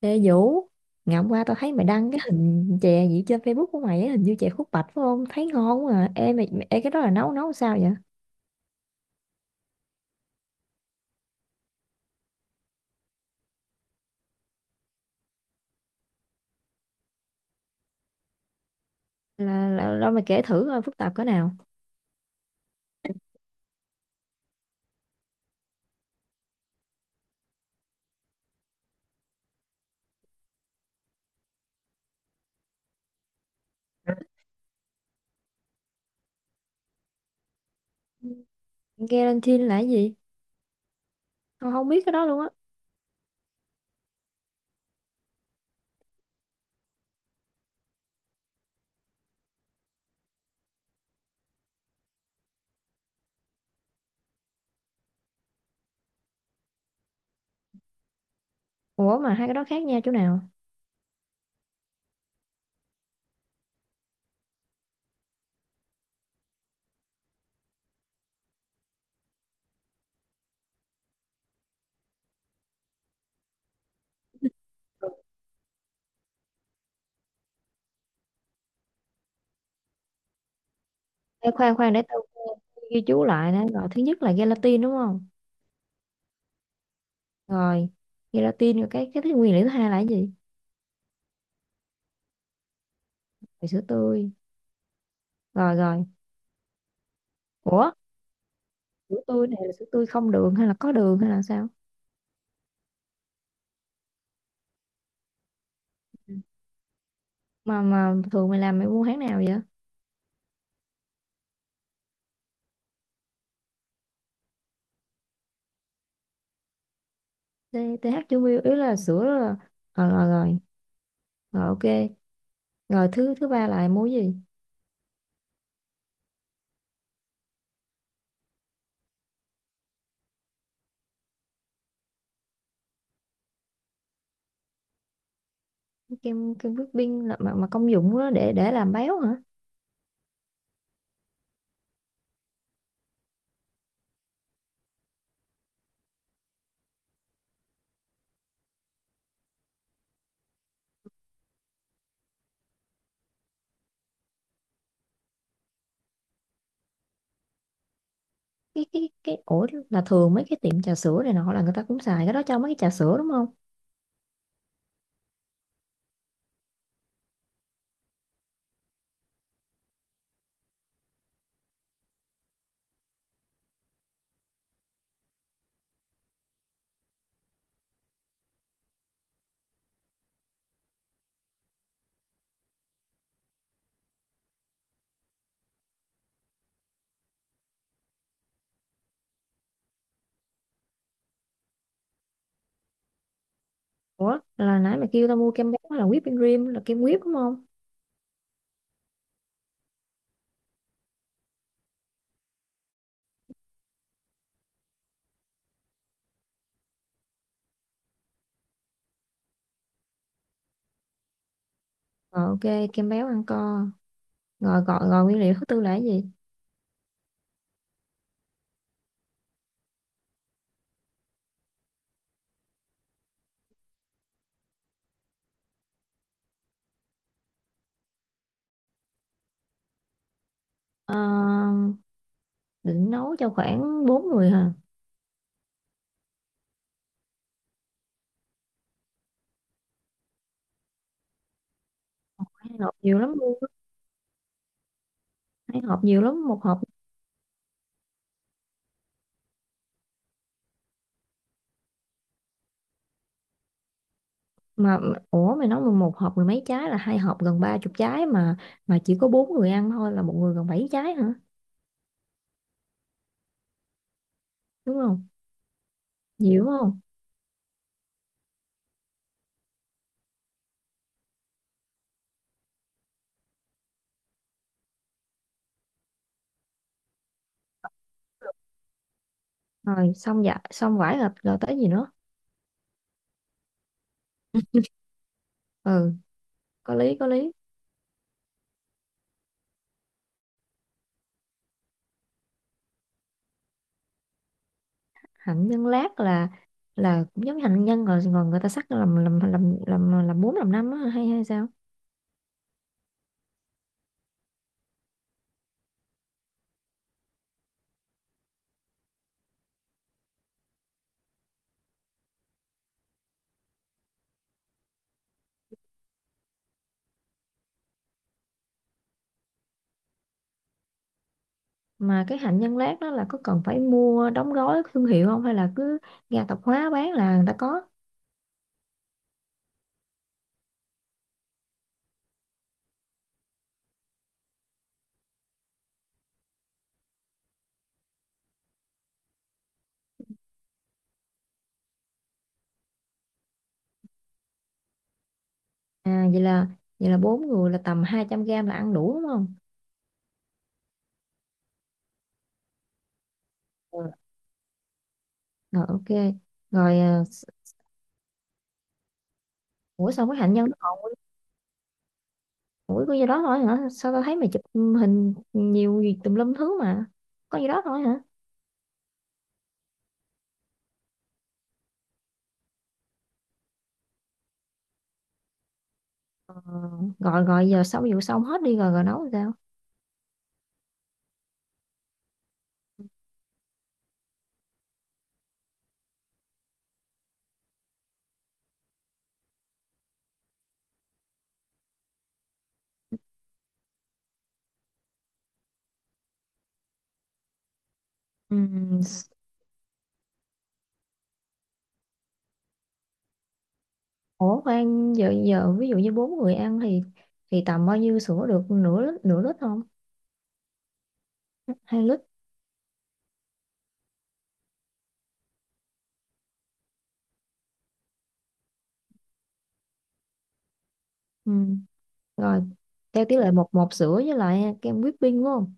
Ê Vũ, ngày hôm qua tao thấy mày đăng cái hình chè gì trên Facebook của mày á, hình như chè khúc bạch phải không? Thấy ngon quá à. Ê, mày, mày- ê cái đó là nấu nấu sao vậy? Là mày kể thử coi phức tạp cỡ nào. Gelatin là cái gì? Tao không biết cái đó luôn á. Ủa mà hai cái đó khác nhau chỗ nào? Ê, khoan khoan để tao ghi chú lại nè. Rồi thứ nhất là gelatin đúng không? Rồi, gelatin rồi cái thứ nguyên liệu thứ hai là cái gì? Rồi sữa tươi. Rồi rồi. Ủa, sữa tươi này là sữa tươi không đường hay là có đường hay là sao? Mà thường mày làm mày mua hãng nào vậy? TH chú Miu ý là sữa là rồi rồi rồi, rồi ok, rồi thứ thứ ba là mua gì? Cái kem kem whipping là mà công dụng đó để làm béo hả? Cái ủa là thường mấy cái tiệm trà sữa này nọ là người ta cũng xài cái đó cho mấy cái trà sữa đúng không? Ủa là nãy mày kêu tao mua kem béo là whipping cream là kem whip đúng không? Rồi ok, kem béo ăn co rồi, gọi rồi, nguyên liệu thứ tư là cái gì? Ờ, định nấu cho khoảng bốn người hả? Khoảng nộp nhiều lắm luôn, hai hộp nhiều lắm, một hộp mà. Ủa mày nói mà một hộp mười mấy trái là hai hộp gần ba chục trái mà. Mà chỉ có bốn người ăn thôi là một người gần bảy trái hả? Đúng không? Nhiều đúng không? Rồi xong, dạ, xong vải là rồi tới gì nữa? Ừ, có lý có lý. Hạnh nhân lát là cũng giống như hạnh nhân rồi còn người ta sắc làm bốn làm năm á hay hay sao? Mà cái hạnh nhân lát đó là có cần phải mua đóng gói thương hiệu không hay là cứ ga tạp hóa bán là người ta có? À vậy là bốn người là tầm 200 gram là ăn đủ đúng không? Ừ. Rồi ok. Rồi à, s- Ủa sao cái hạnh nhân nó còn, ủa có gì đó thôi hả? Sao tao thấy mày chụp hình nhiều gì tùm lum thứ mà. Có gì đó thôi hả? Ờ, rồi rồi giờ sau vụ xong hết đi rồi rồi nấu sao? Ừm, s- Ủa khoan giờ giờ ví dụ như bốn người ăn thì tầm bao nhiêu sữa được, nửa lít không? Hai lít. Ừm, Rồi theo tỷ lệ một một sữa với lại kem whipping đúng không?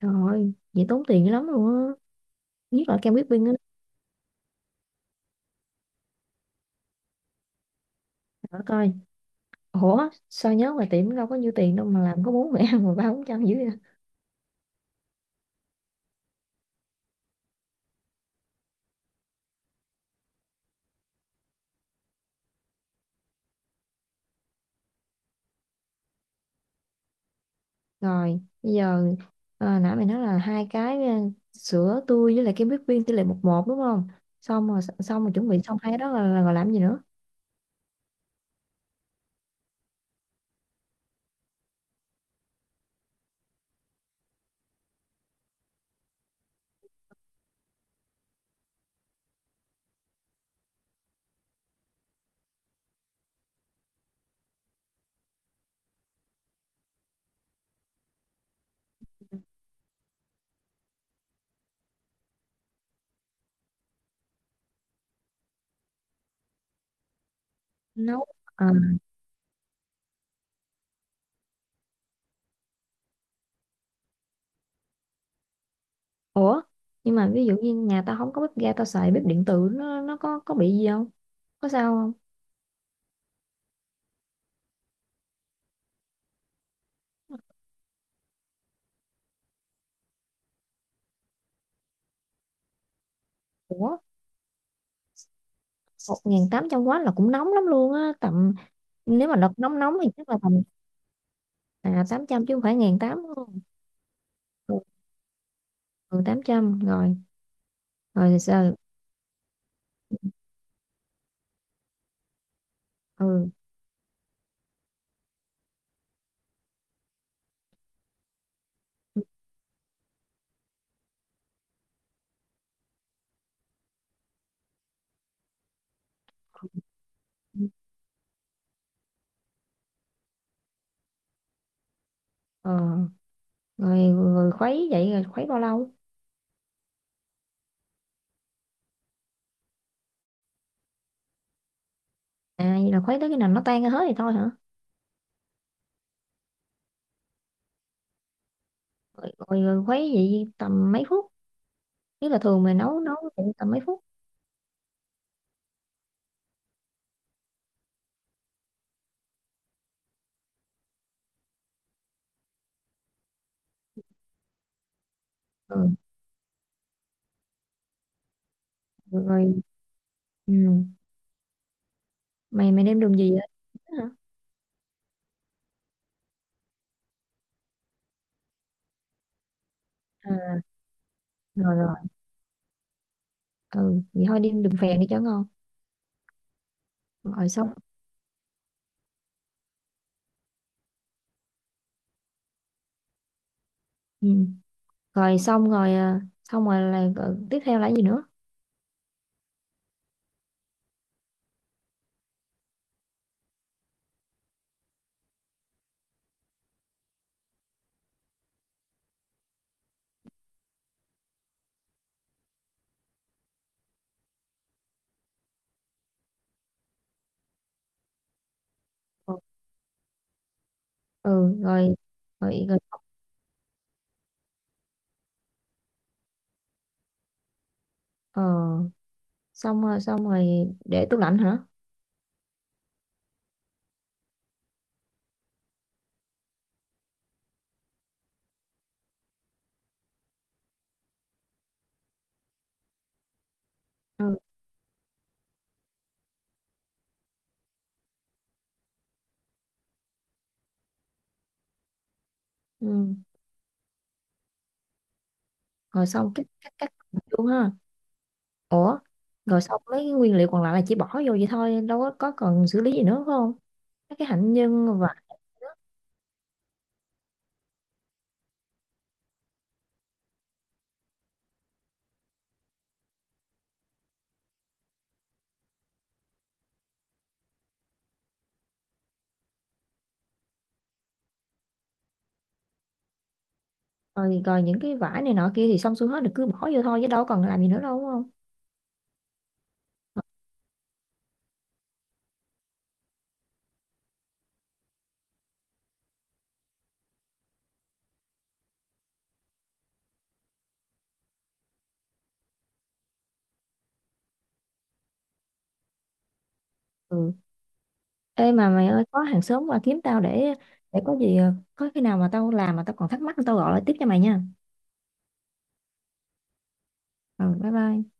Trời ơi, vậy tốn tiền dữ lắm luôn á. Nhất là kem whipping á. Trời coi, ủa sao nhớ mà tiệm đâu có nhiêu tiền đâu mà làm có bốn mẹ ăn mà ba bốn trăm dữ vậy? Rồi bây giờ nãy mày nói là hai cái sữa tươi với lại cái bít viên tỷ lệ một một đúng không? Xong rồi xong rồi chuẩn bị xong hai cái đó là, là làm gì nữa? Nấu à? Ủa nhưng mà ví dụ như nhà tao không có bếp ga tao xài bếp điện tử nó có bị gì không, có sao không? Ủa 1.800 quá là cũng nóng lắm luôn á, tầm nếu mà đợt nóng nóng thì chắc là tầm à, 800 chứ không phải 1.800 đúng không? Ừ, 800 rồi. Rồi sao? Ừ, ờ, rồi, rồi khuấy vậy rồi khuấy bao lâu? À vậy là khuấy tới khi nào nó tan ra hết thì thôi hả? Rồi, rồi khuấy vậy tầm mấy phút, nếu là thường mày nấu nấu vậy tầm mấy phút? Ừ, rồi. Ừ. Mày mày đem đường gì vậy? Hả? À, rồi rồi. Ừ vậy thôi đem đường phèn đi cho ngon. Rồi xong. Ừ. Rồi xong rồi à, xong rồi là rồi tiếp theo là cái gì nữa? Ừ. Rồi. Rồi, rồi. Ờ, xong rồi để tủ lạnh hả? Ừ. Ừ. Rồi xong cắt cắt cắt luôn ha. Ủa rồi xong mấy cái nguyên liệu còn lại là chỉ bỏ vô vậy thôi đâu có cần xử lý gì nữa phải không? Mấy cái hạnh nhân và rồi, rồi những cái vải này nọ kia thì xong xuôi hết rồi cứ bỏ vô thôi chứ đâu còn làm gì nữa đâu đúng không? Ừ, ê mà mày ơi có hàng xóm qua kiếm tao để có gì có khi nào mà tao làm mà tao còn thắc mắc tao gọi lại tiếp cho mày nha. Ừ bye bye.